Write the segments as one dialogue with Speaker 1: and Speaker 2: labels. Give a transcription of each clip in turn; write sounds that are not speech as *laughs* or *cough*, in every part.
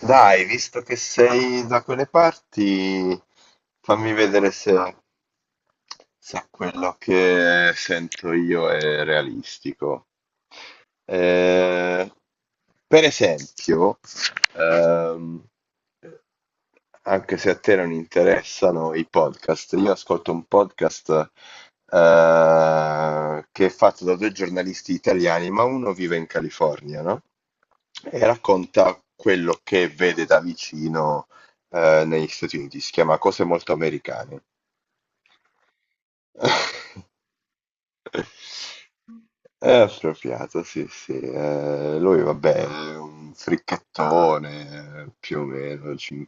Speaker 1: Dai, visto che sei da quelle parti, fammi vedere se quello che sento io è realistico. Eh, per esempio, Ehm, anche se a te non interessano i podcast, io ascolto un podcast che è fatto da due giornalisti italiani, ma uno vive in California, no? E racconta quello che vede da vicino negli Stati Uniti. Si chiama Cose molto americane. *laughs* È appropriato, sì, sì. Lui, vabbè, è un fricchettone, più o meno,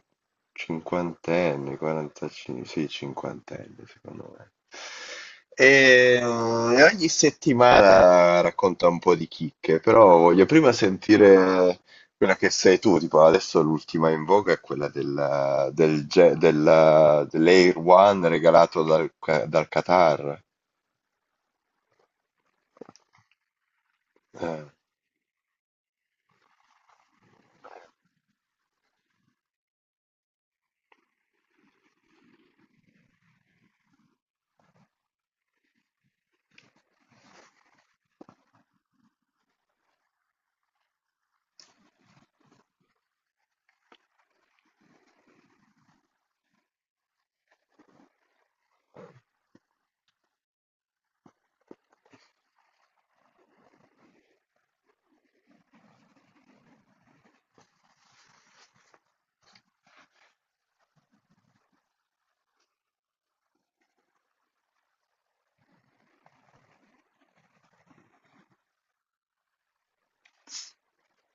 Speaker 1: cinquantenne, 45, sì, cinquantenne, secondo me. E ogni settimana racconta un po' di chicche, però voglio prima sentire quella che sei tu, tipo adesso l'ultima in voga è quella dell'Air One regalato dal Qatar. Eh.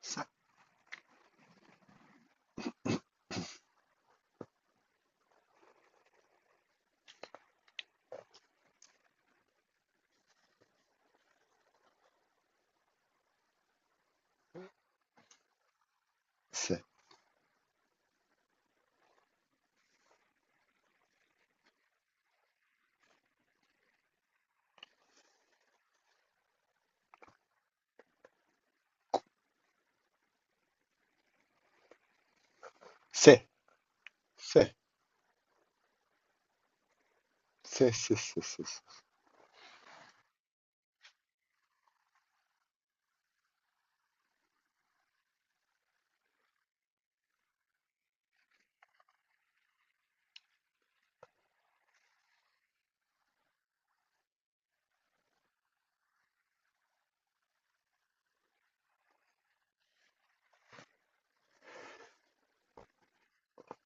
Speaker 1: Sì, sì, sì, sì, sì, sì, sì, sì. Sì.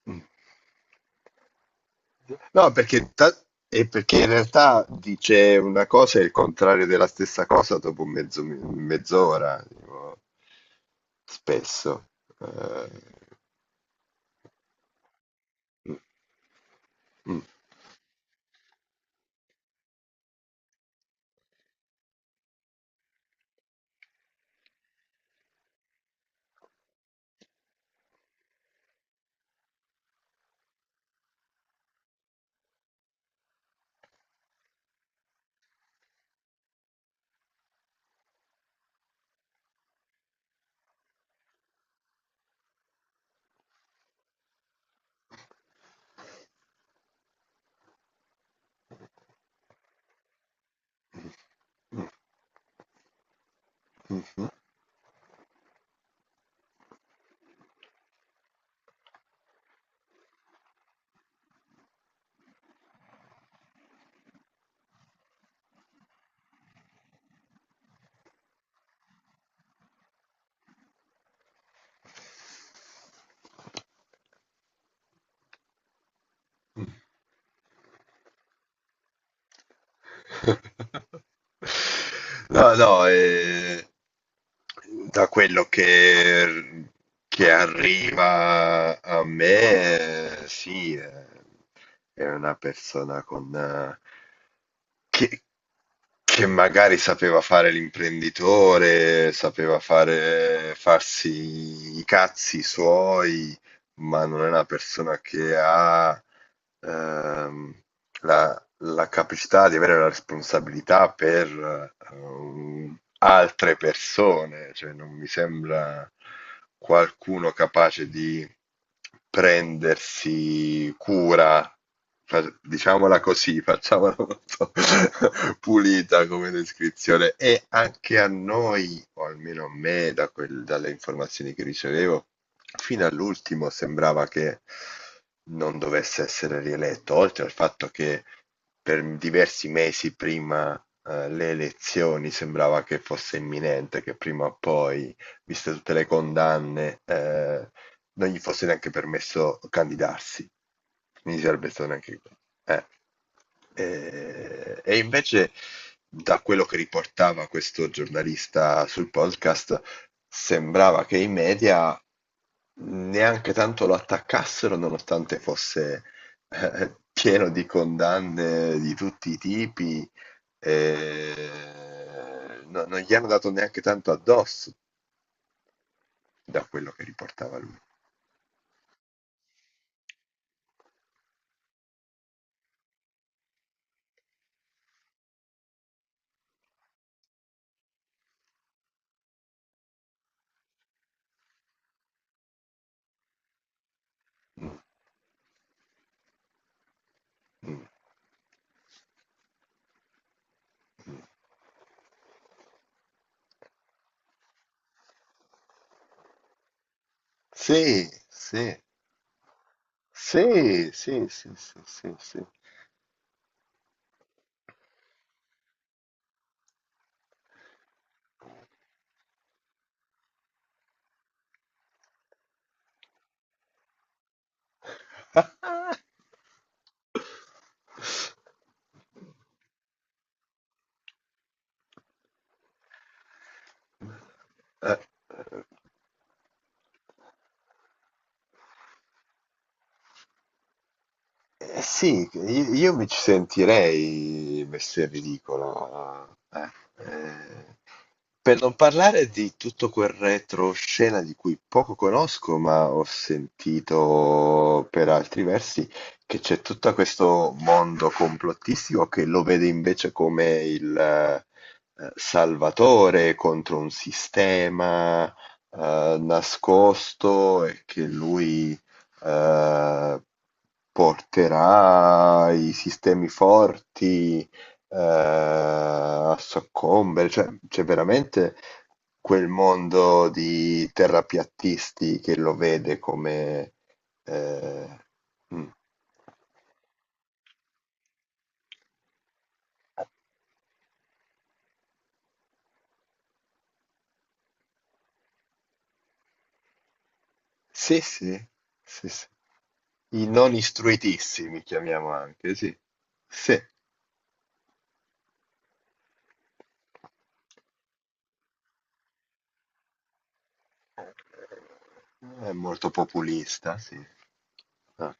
Speaker 1: Mm. No, perché, ta- e perché in realtà dice una cosa e il contrario della stessa cosa dopo mezz'ora, tipo, spesso. Eh, mm, mm. Mh, mh-mh. Mh. No, no, da quello che arriva a me, sì, è una persona con, che, che magari sapeva fare l'imprenditore, sapeva fare, farsi i cazzi suoi, ma non è una persona che ha ehm, la, la capacità di avere la responsabilità per altre persone, cioè non mi sembra qualcuno capace di prendersi cura, diciamola così, facciamola molto *laughs* pulita come descrizione. E anche a noi, o almeno a me, da dalle informazioni che ricevevo. Fino all'ultimo sembrava che non dovesse essere rieletto, oltre al fatto che per diversi mesi prima le elezioni sembrava che fosse imminente, che prima o poi, viste tutte le condanne, non gli fosse neanche permesso candidarsi. Quindi sarebbe stato neanche... eh. E invece, da quello che riportava questo giornalista sul podcast, sembrava che i media neanche tanto lo attaccassero, nonostante fosse pieno di condanne di tutti i tipi, non gli hanno dato neanche tanto addosso da quello che riportava lui. Mm, mm. Sì, sì, sì, sì, sì, sì, sì, sì. *laughs* Eh, Eh sì, io mi ci sentirei messo in ridicolo. eh. Eh, per non parlare di tutto quel retroscena di cui poco conosco, ma ho sentito per altri versi che c'è tutto questo mondo complottistico che lo vede invece come il salvatore contro un sistema nascosto e che lui eh, porterà i sistemi forti a soccombere, cioè c'è veramente quel mondo di terrapiattisti che lo vede come... eh, mm. Sì, sì, sì, sì. I non istruitissimi, chiamiamo anche, sì. Sì, è molto populista, sì. Ah.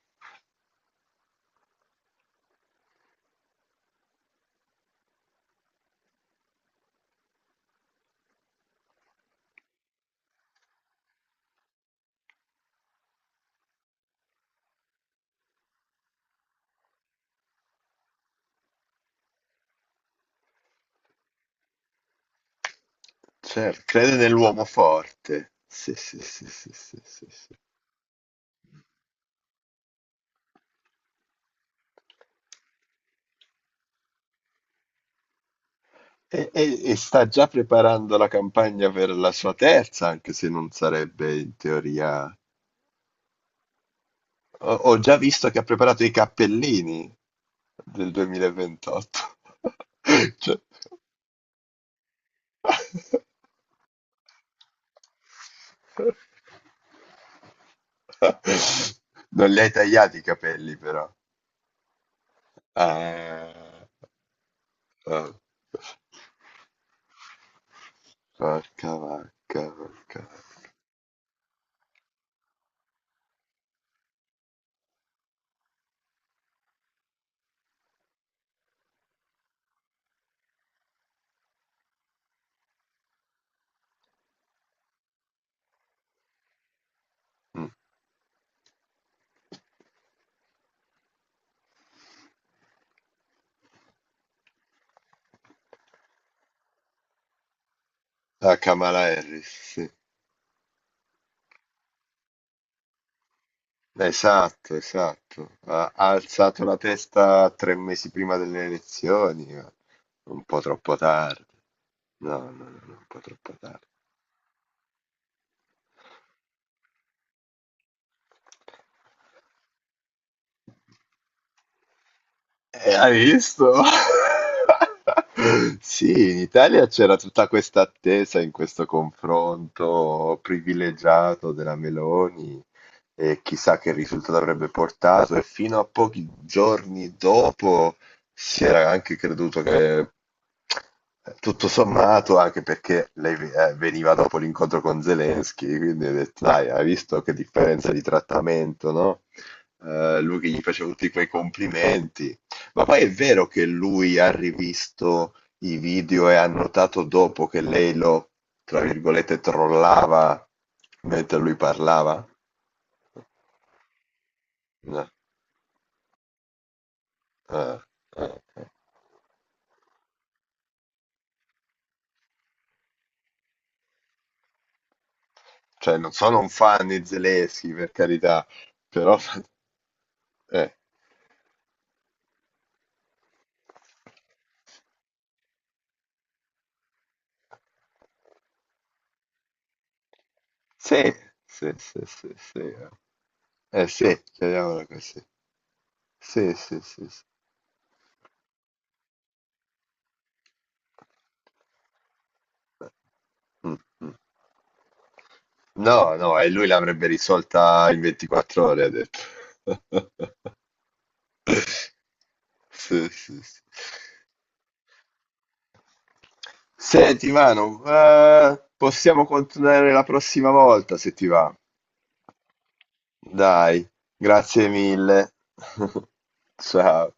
Speaker 1: Certo, crede nell'uomo forte. Sì, sì, sì, sì, sì, sì, sì. E sta già preparando la campagna per la sua terza, anche se non sarebbe in teoria. Ho già visto che ha preparato i cappellini del 2028. *laughs* Cioè- *laughs* Non li hai tagliati i capelli, però. Ah, ah, porca vacca, porca vacca. Mm. Ah, Kamala Harris, sì. Esatto, esatto. Ha alzato la testa 3 mesi prima delle elezioni, ma un po' troppo tardi. No, no, no, no, un po' troppo tardi. Hai visto? *laughs* Sì, in Italia c'era tutta questa attesa in questo confronto privilegiato della Meloni e chissà che risultato avrebbe portato e fino a pochi giorni dopo si era anche creduto che tutto sommato anche perché lei veniva dopo l'incontro con Zelensky, quindi ho detto, dai, hai visto che differenza di trattamento, no? Lui che gli faceva tutti quei complimenti, ma poi è vero che lui ha rivisto i video e ha notato dopo che lei lo, tra virgolette, trollava mentre lui parlava? No. Eh, eh, eh. Cioè, non sono un fan di Zelensky, per carità, però... eh. Sì, sì, sì, sì, sì. Sì, chiariamola così. Sì, sì, sì, sì. Sì. Eh, Mm, mm. No, no, e lui l'avrebbe risolta in 24 ore, ha detto. *laughs* Sì, sì, sì. Senti, Manu, possiamo continuare la prossima volta se ti va. Dai, grazie mille. *laughs* Ciao.